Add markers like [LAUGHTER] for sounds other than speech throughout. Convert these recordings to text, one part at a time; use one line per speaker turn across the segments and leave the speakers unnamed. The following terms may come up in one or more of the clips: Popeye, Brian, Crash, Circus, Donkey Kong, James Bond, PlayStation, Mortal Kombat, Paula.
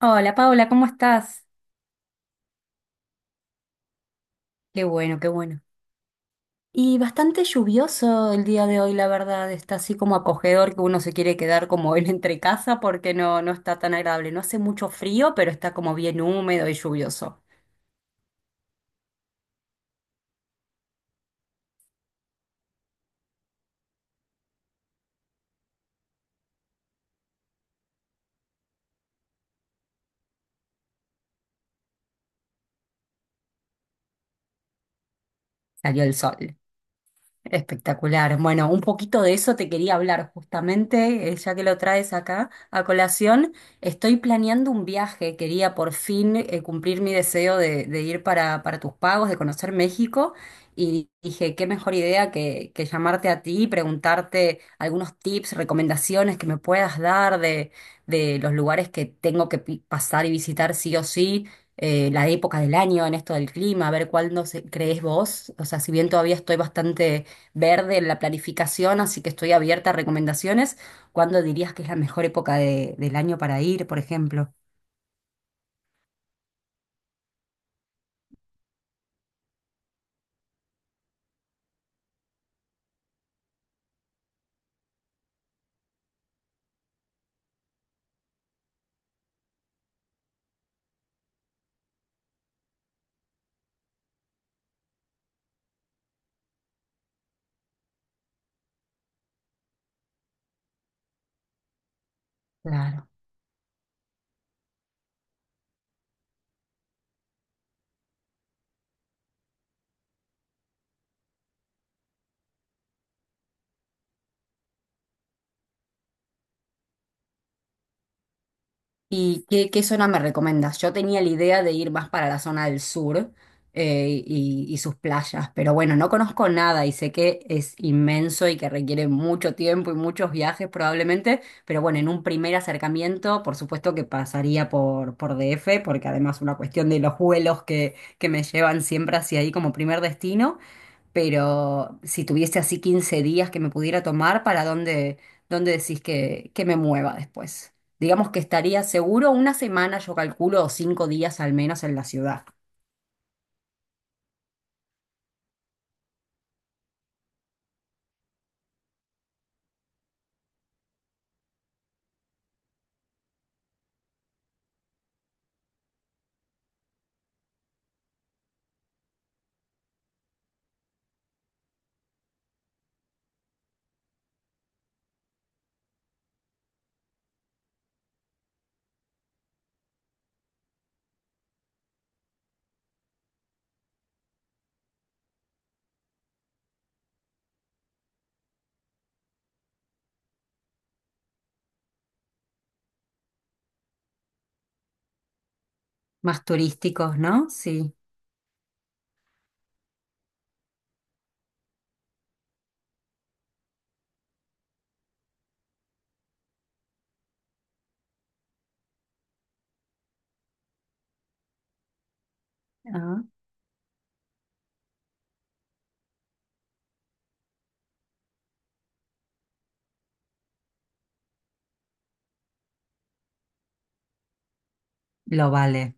Hola Paula, ¿cómo estás? Qué bueno, qué bueno. Y bastante lluvioso el día de hoy, la verdad. Está así como acogedor que uno se quiere quedar como en entre casa porque no está tan agradable. No hace mucho frío, pero está como bien húmedo y lluvioso. Salió el sol. Espectacular. Bueno, un poquito de eso te quería hablar justamente, ya que lo traes acá a colación. Estoy planeando un viaje, quería por fin cumplir mi deseo de ir para tus pagos, de conocer México, y dije, qué mejor idea que llamarte a ti y preguntarte algunos tips, recomendaciones que me puedas dar de los lugares que tengo que pasar y visitar sí o sí la época del año, en esto del clima, a ver crees vos. O sea, si bien todavía estoy bastante verde en la planificación, así que estoy abierta a recomendaciones. ¿Cuándo dirías que es la mejor época del año para ir, por ejemplo? Claro. ¿Y qué zona me recomiendas? Yo tenía la idea de ir más para la zona del sur, y sus playas, pero bueno, no conozco nada y sé que es inmenso y que requiere mucho tiempo y muchos viajes probablemente, pero bueno, en un primer acercamiento, por supuesto que pasaría por DF, porque además una cuestión de los vuelos que me llevan siempre hacia ahí como primer destino. Pero si tuviese así 15 días que me pudiera tomar, ¿para dónde, dónde decís que me mueva después? Digamos que estaría seguro una semana, yo calculo, o 5 días al menos en la ciudad. Más turísticos, ¿no? Sí. Ah, lo vale.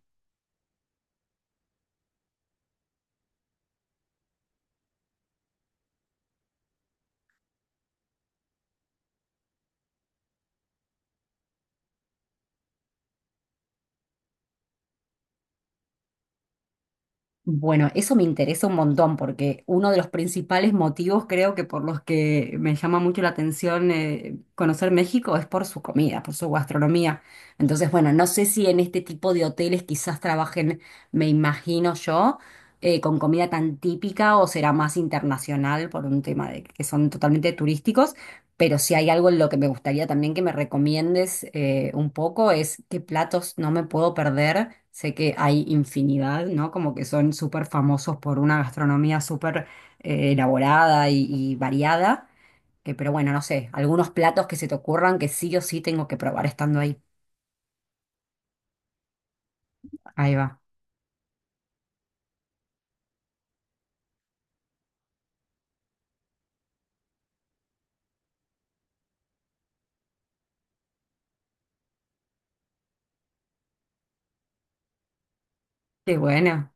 Bueno, eso me interesa un montón porque uno de los principales motivos creo que por los que me llama mucho la atención, conocer México es por su comida, por su gastronomía. Entonces, bueno, no sé si en este tipo de hoteles quizás trabajen, me imagino yo, con comida tan típica o será más internacional por un tema de que son totalmente turísticos. Pero si hay algo en lo que me gustaría también que me recomiendes, un poco es qué platos no me puedo perder. Sé que hay infinidad, ¿no? Como que son súper famosos por una gastronomía súper elaborada y variada. Pero bueno, no sé, algunos platos que se te ocurran que sí o sí tengo que probar estando ahí. Ahí va. Qué buena,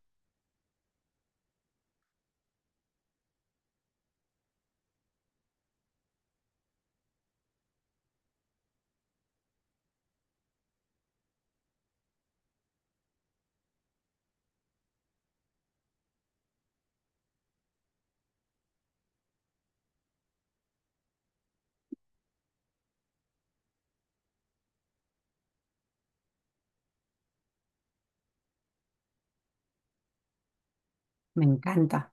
me encanta.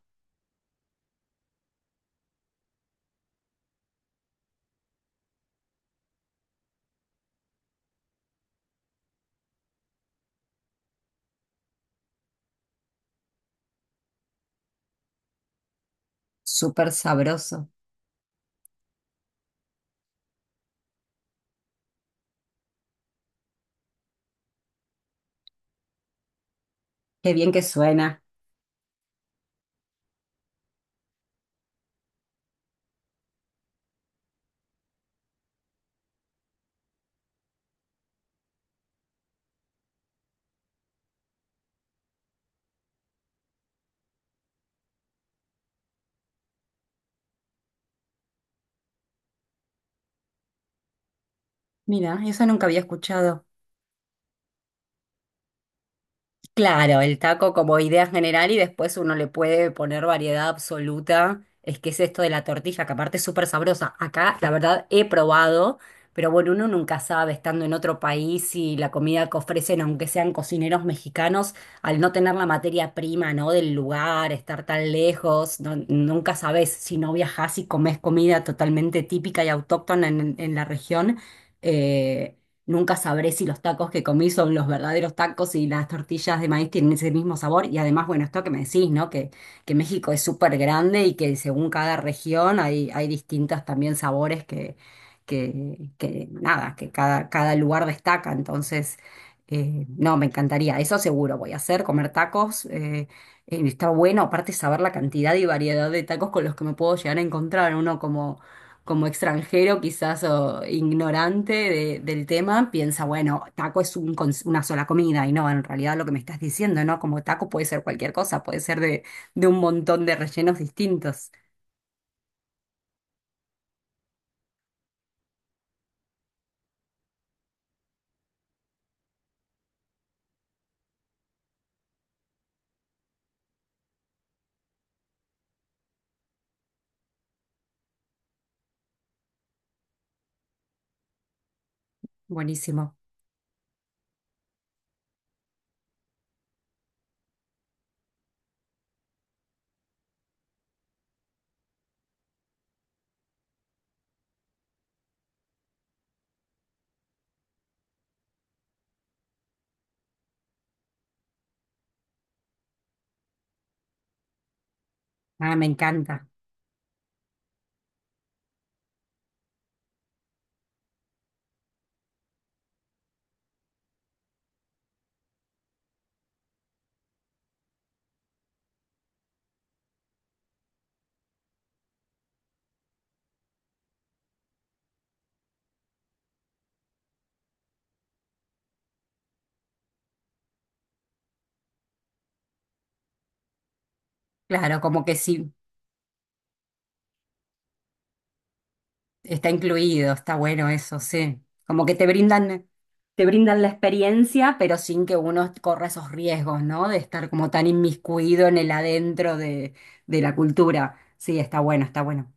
Súper sabroso. Qué bien que suena. Mira, eso nunca había escuchado. Claro, el taco como idea general y después uno le puede poner variedad absoluta. Es que es esto de la tortilla, que aparte es súper sabrosa. Acá, la verdad, he probado, pero bueno, uno nunca sabe estando en otro país y la comida que ofrecen, aunque sean cocineros mexicanos, al no tener la materia prima, ¿no? Del lugar, estar tan lejos, nunca sabes si no viajás y comes comida totalmente típica y autóctona en la región. eh, Nunca sabré si los tacos que comí son los verdaderos tacos y las tortillas de maíz tienen ese mismo sabor. Y además, bueno, esto que me decís, ¿no? Que México es súper grande y que según cada región hay, hay distintos también sabores que nada, que cada, cada lugar destaca. Entonces, no, me encantaría. Eso seguro voy a hacer, comer tacos. Está bueno, aparte saber la cantidad y variedad de tacos con los que me puedo llegar a encontrar. Uno como extranjero quizás o ignorante del tema, piensa, bueno, taco es un una sola comida y no, en realidad lo que me estás diciendo, ¿no? Como taco puede ser cualquier cosa, puede ser de un montón de rellenos distintos. Buenísimo. Ah, me encanta. Claro, como que sí, está incluido, está bueno eso, sí. Como que te brindan la experiencia, pero sin que uno corra esos riesgos, ¿no? De estar como tan inmiscuido en el adentro de la cultura. Sí, está bueno, está bueno.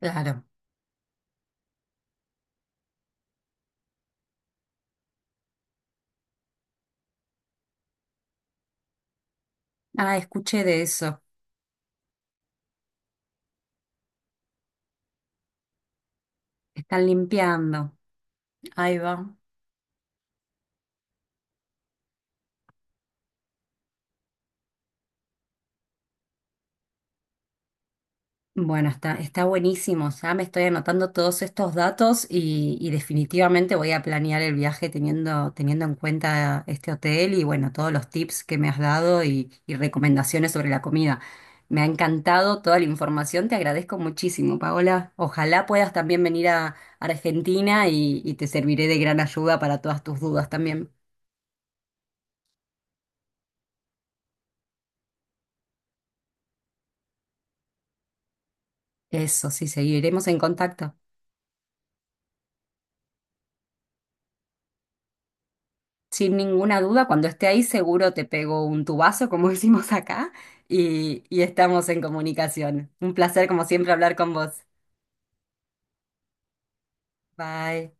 Claro. Ah, escuché de eso. Están limpiando. Ahí va. Bueno, está, está buenísimo. Ya me estoy anotando todos estos datos y definitivamente voy a planear el viaje teniendo, teniendo en cuenta este hotel y bueno, todos los tips que me has dado y recomendaciones sobre la comida. Me ha encantado toda la información, te agradezco muchísimo, Paola. Ojalá puedas también venir a Argentina y te serviré de gran ayuda para todas tus dudas también. Eso, sí, seguiremos en contacto. Sin ninguna duda, cuando esté ahí seguro te pego un tubazo, como [LAUGHS] decimos acá, y estamos en comunicación. Un placer, como siempre, hablar con vos. Bye.